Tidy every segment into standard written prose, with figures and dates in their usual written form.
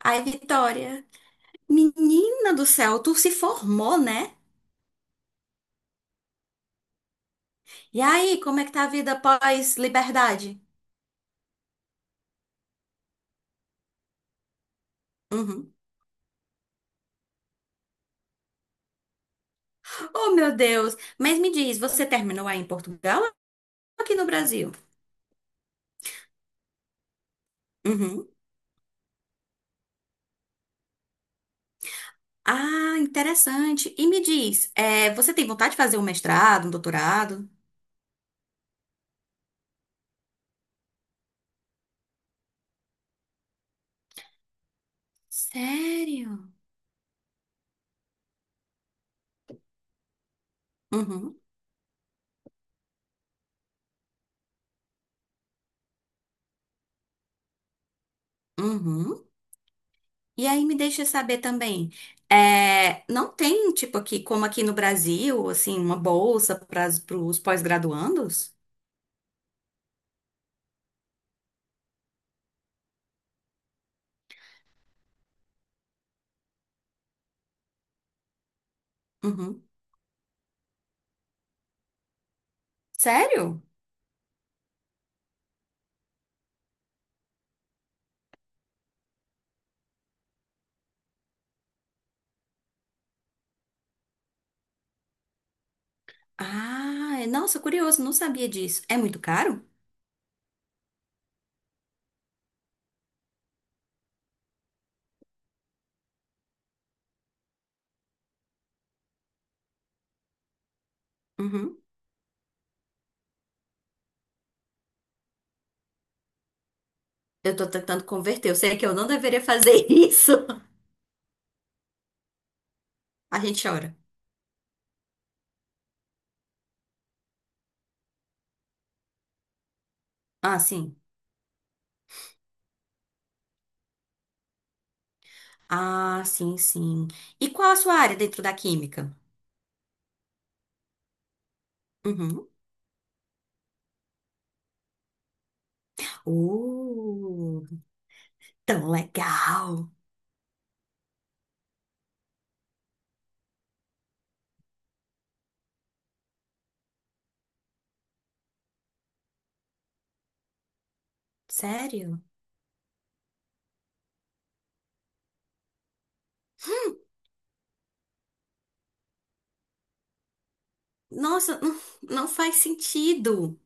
Ai, Vitória, menina do céu, tu se formou, né? E aí, como é que tá a vida pós-liberdade? Uhum. Oh, meu Deus. Mas me diz, você terminou aí em Portugal ou aqui no Brasil? Uhum. Ah, interessante. E me diz, é, você tem vontade de fazer um mestrado, um doutorado? Sério? Uhum. Uhum. E aí me deixa saber também, é, não tem, tipo, aqui, como aqui no Brasil, assim, uma bolsa para os pós-graduandos? Uhum. Sério? Ah, nossa, curioso, não sabia disso. É muito caro? Uhum. Eu tô tentando converter. Eu sei que eu não deveria fazer isso. A gente chora. Ah, sim. Ah, sim, sim. E qual a sua área dentro da química? Uhum. Uh, Tão legal. Sério? Nossa, não, não faz sentido.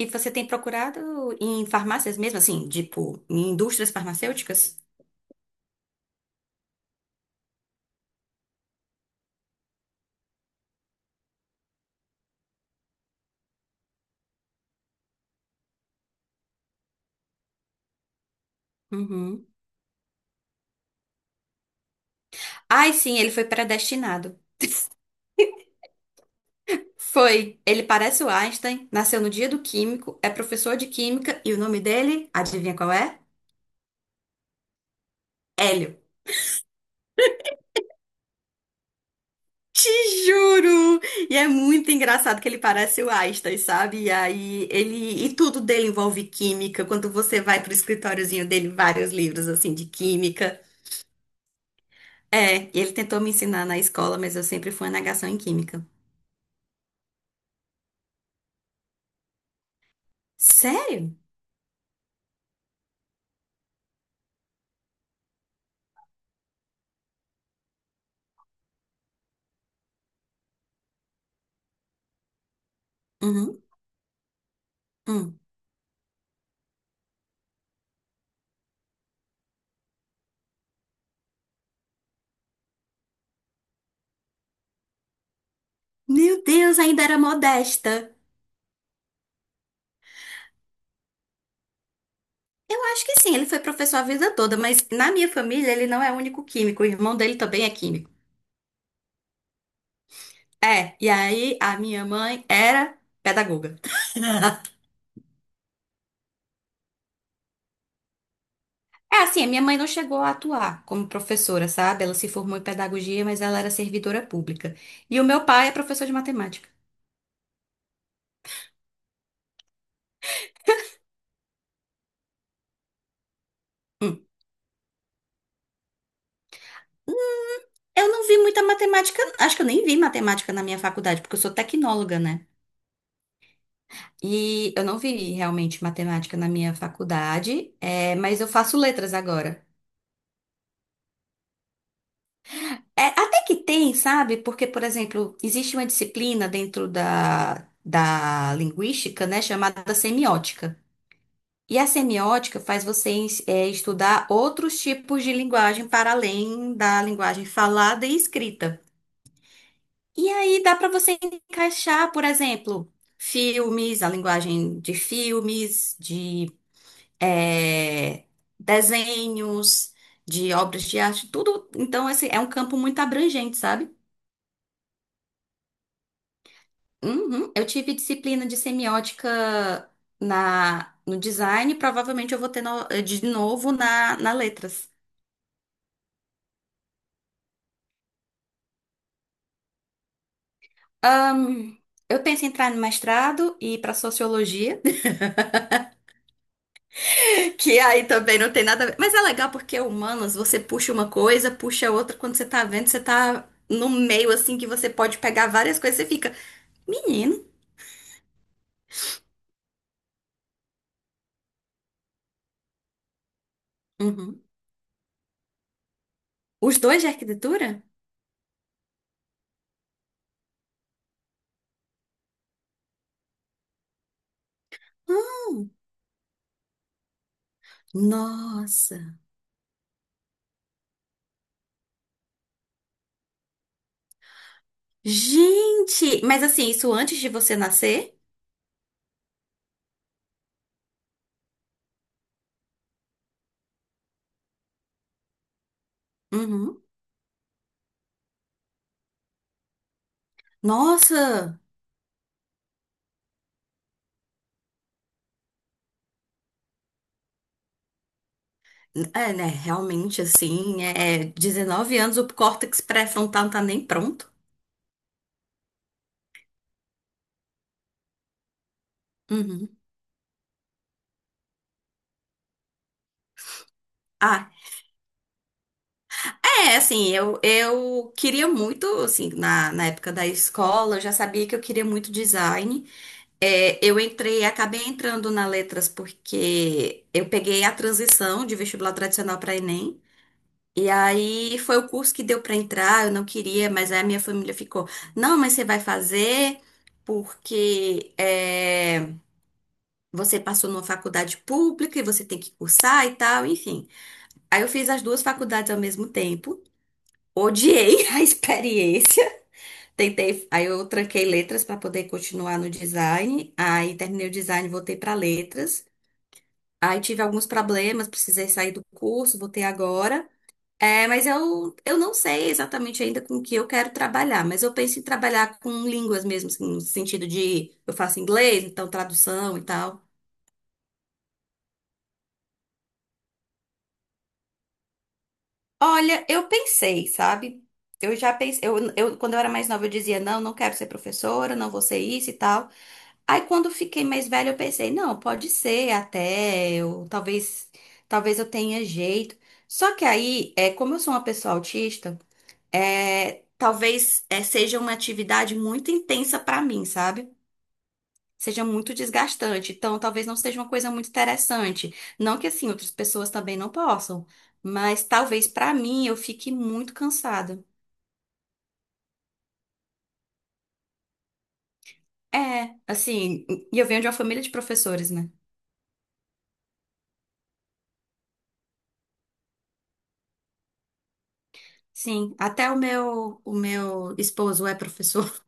E você tem procurado em farmácias mesmo, assim, tipo, em indústrias farmacêuticas? Uhum. Ai, sim, ele foi predestinado. Foi. Ele parece o Einstein, nasceu no dia do químico, é professor de química e o nome dele, adivinha qual é? Hélio. Te juro! E é muito engraçado que ele parece o Einstein, sabe? E aí ele e tudo dele envolve química. Quando você vai pro escritóriozinho dele, vários livros assim de química. É, e ele tentou me ensinar na escola, mas eu sempre fui uma negação em química. Sério? Uhum. Hum. Meu Deus, ainda era modesta. Eu acho que sim, ele foi professor a vida toda, mas na minha família ele não é o único químico, o irmão dele também é químico. É, e aí a minha mãe era pedagoga. É assim, a minha mãe não chegou a atuar como professora, sabe? Ela se formou em pedagogia, mas ela era servidora pública. E o meu pai é professor de matemática. Hum. Eu não vi muita matemática, acho que eu nem vi matemática na minha faculdade, porque eu sou tecnóloga, né? E eu não vi realmente matemática na minha faculdade, é, mas eu faço letras agora. É, até que tem, sabe? Porque, por exemplo, existe uma disciplina dentro da linguística, né, chamada semiótica. E a semiótica faz você estudar outros tipos de linguagem para além da linguagem falada e escrita. E aí dá para você encaixar, por exemplo, filmes, a linguagem de filmes, de é, desenhos, de obras de arte, tudo. Então, esse é um campo muito abrangente, sabe? Uhum. Eu tive disciplina de semiótica na, no design, provavelmente eu vou ter no- de novo na letras. Ahn, eu penso em entrar no mestrado e ir para sociologia, que aí também não tem nada a ver. Mas é legal porque é humanas, você puxa uma coisa, puxa outra, quando você tá vendo, você tá no meio assim que você pode pegar várias coisas, você fica, menino. Uhum. Os dois de arquitetura? Hum, nossa. Gente, mas assim, isso antes de você nascer? Uhum. Nossa! É, né? Realmente, assim, é 19 anos, o córtex pré-frontal não tá nem pronto. Uhum. Ah, é, assim, eu, queria muito, assim, na época da escola, eu já sabia que eu queria muito design. É, eu entrei, acabei entrando na letras porque eu peguei a transição de vestibular tradicional para Enem. E aí foi o curso que deu para entrar, eu não queria, mas aí a minha família ficou, não, mas você vai fazer porque é, você passou numa faculdade pública e você tem que cursar e tal, enfim. Aí eu fiz as duas faculdades ao mesmo tempo, odiei a experiência, tentei, aí eu tranquei letras para poder continuar no design, aí terminei o design, voltei para letras. Aí tive alguns problemas, precisei sair do curso, voltei agora. É, mas eu, não sei exatamente ainda com o que eu quero trabalhar, mas eu penso em trabalhar com línguas mesmo, assim, no sentido de eu faço inglês, então tradução e tal. Olha, eu pensei, sabe? Eu já pensei, quando eu era mais nova eu dizia, não, não quero ser professora, não vou ser isso e tal. Aí quando eu fiquei mais velha eu pensei, não, pode ser até, eu, talvez, talvez eu tenha jeito. Só que aí, é, como eu sou uma pessoa autista, é, talvez seja uma atividade muito intensa para mim, sabe? Seja muito desgastante. Então, talvez não seja uma coisa muito interessante. Não que assim outras pessoas também não possam, mas talvez para mim eu fique muito cansada. É, assim, e eu venho de uma família de professores, né? Sim, até o meu esposo é professor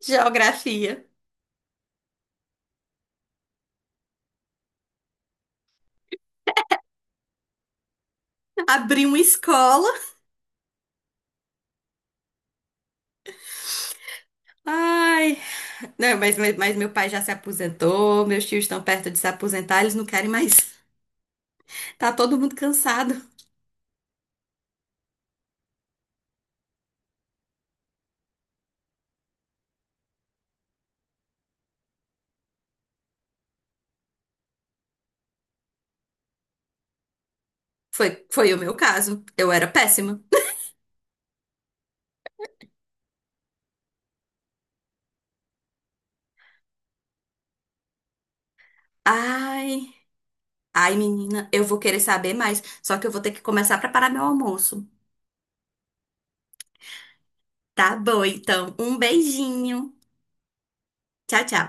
de geografia. Abri uma escola. Ai, não, mas meu pai já se aposentou, meus tios estão perto de se aposentar, eles não querem mais. Tá todo mundo cansado. Foi o meu caso. Eu era péssima. Ai, ai, menina, eu vou querer saber mais. Só que eu vou ter que começar a preparar meu almoço. Tá bom, então. Um beijinho. Tchau, tchau.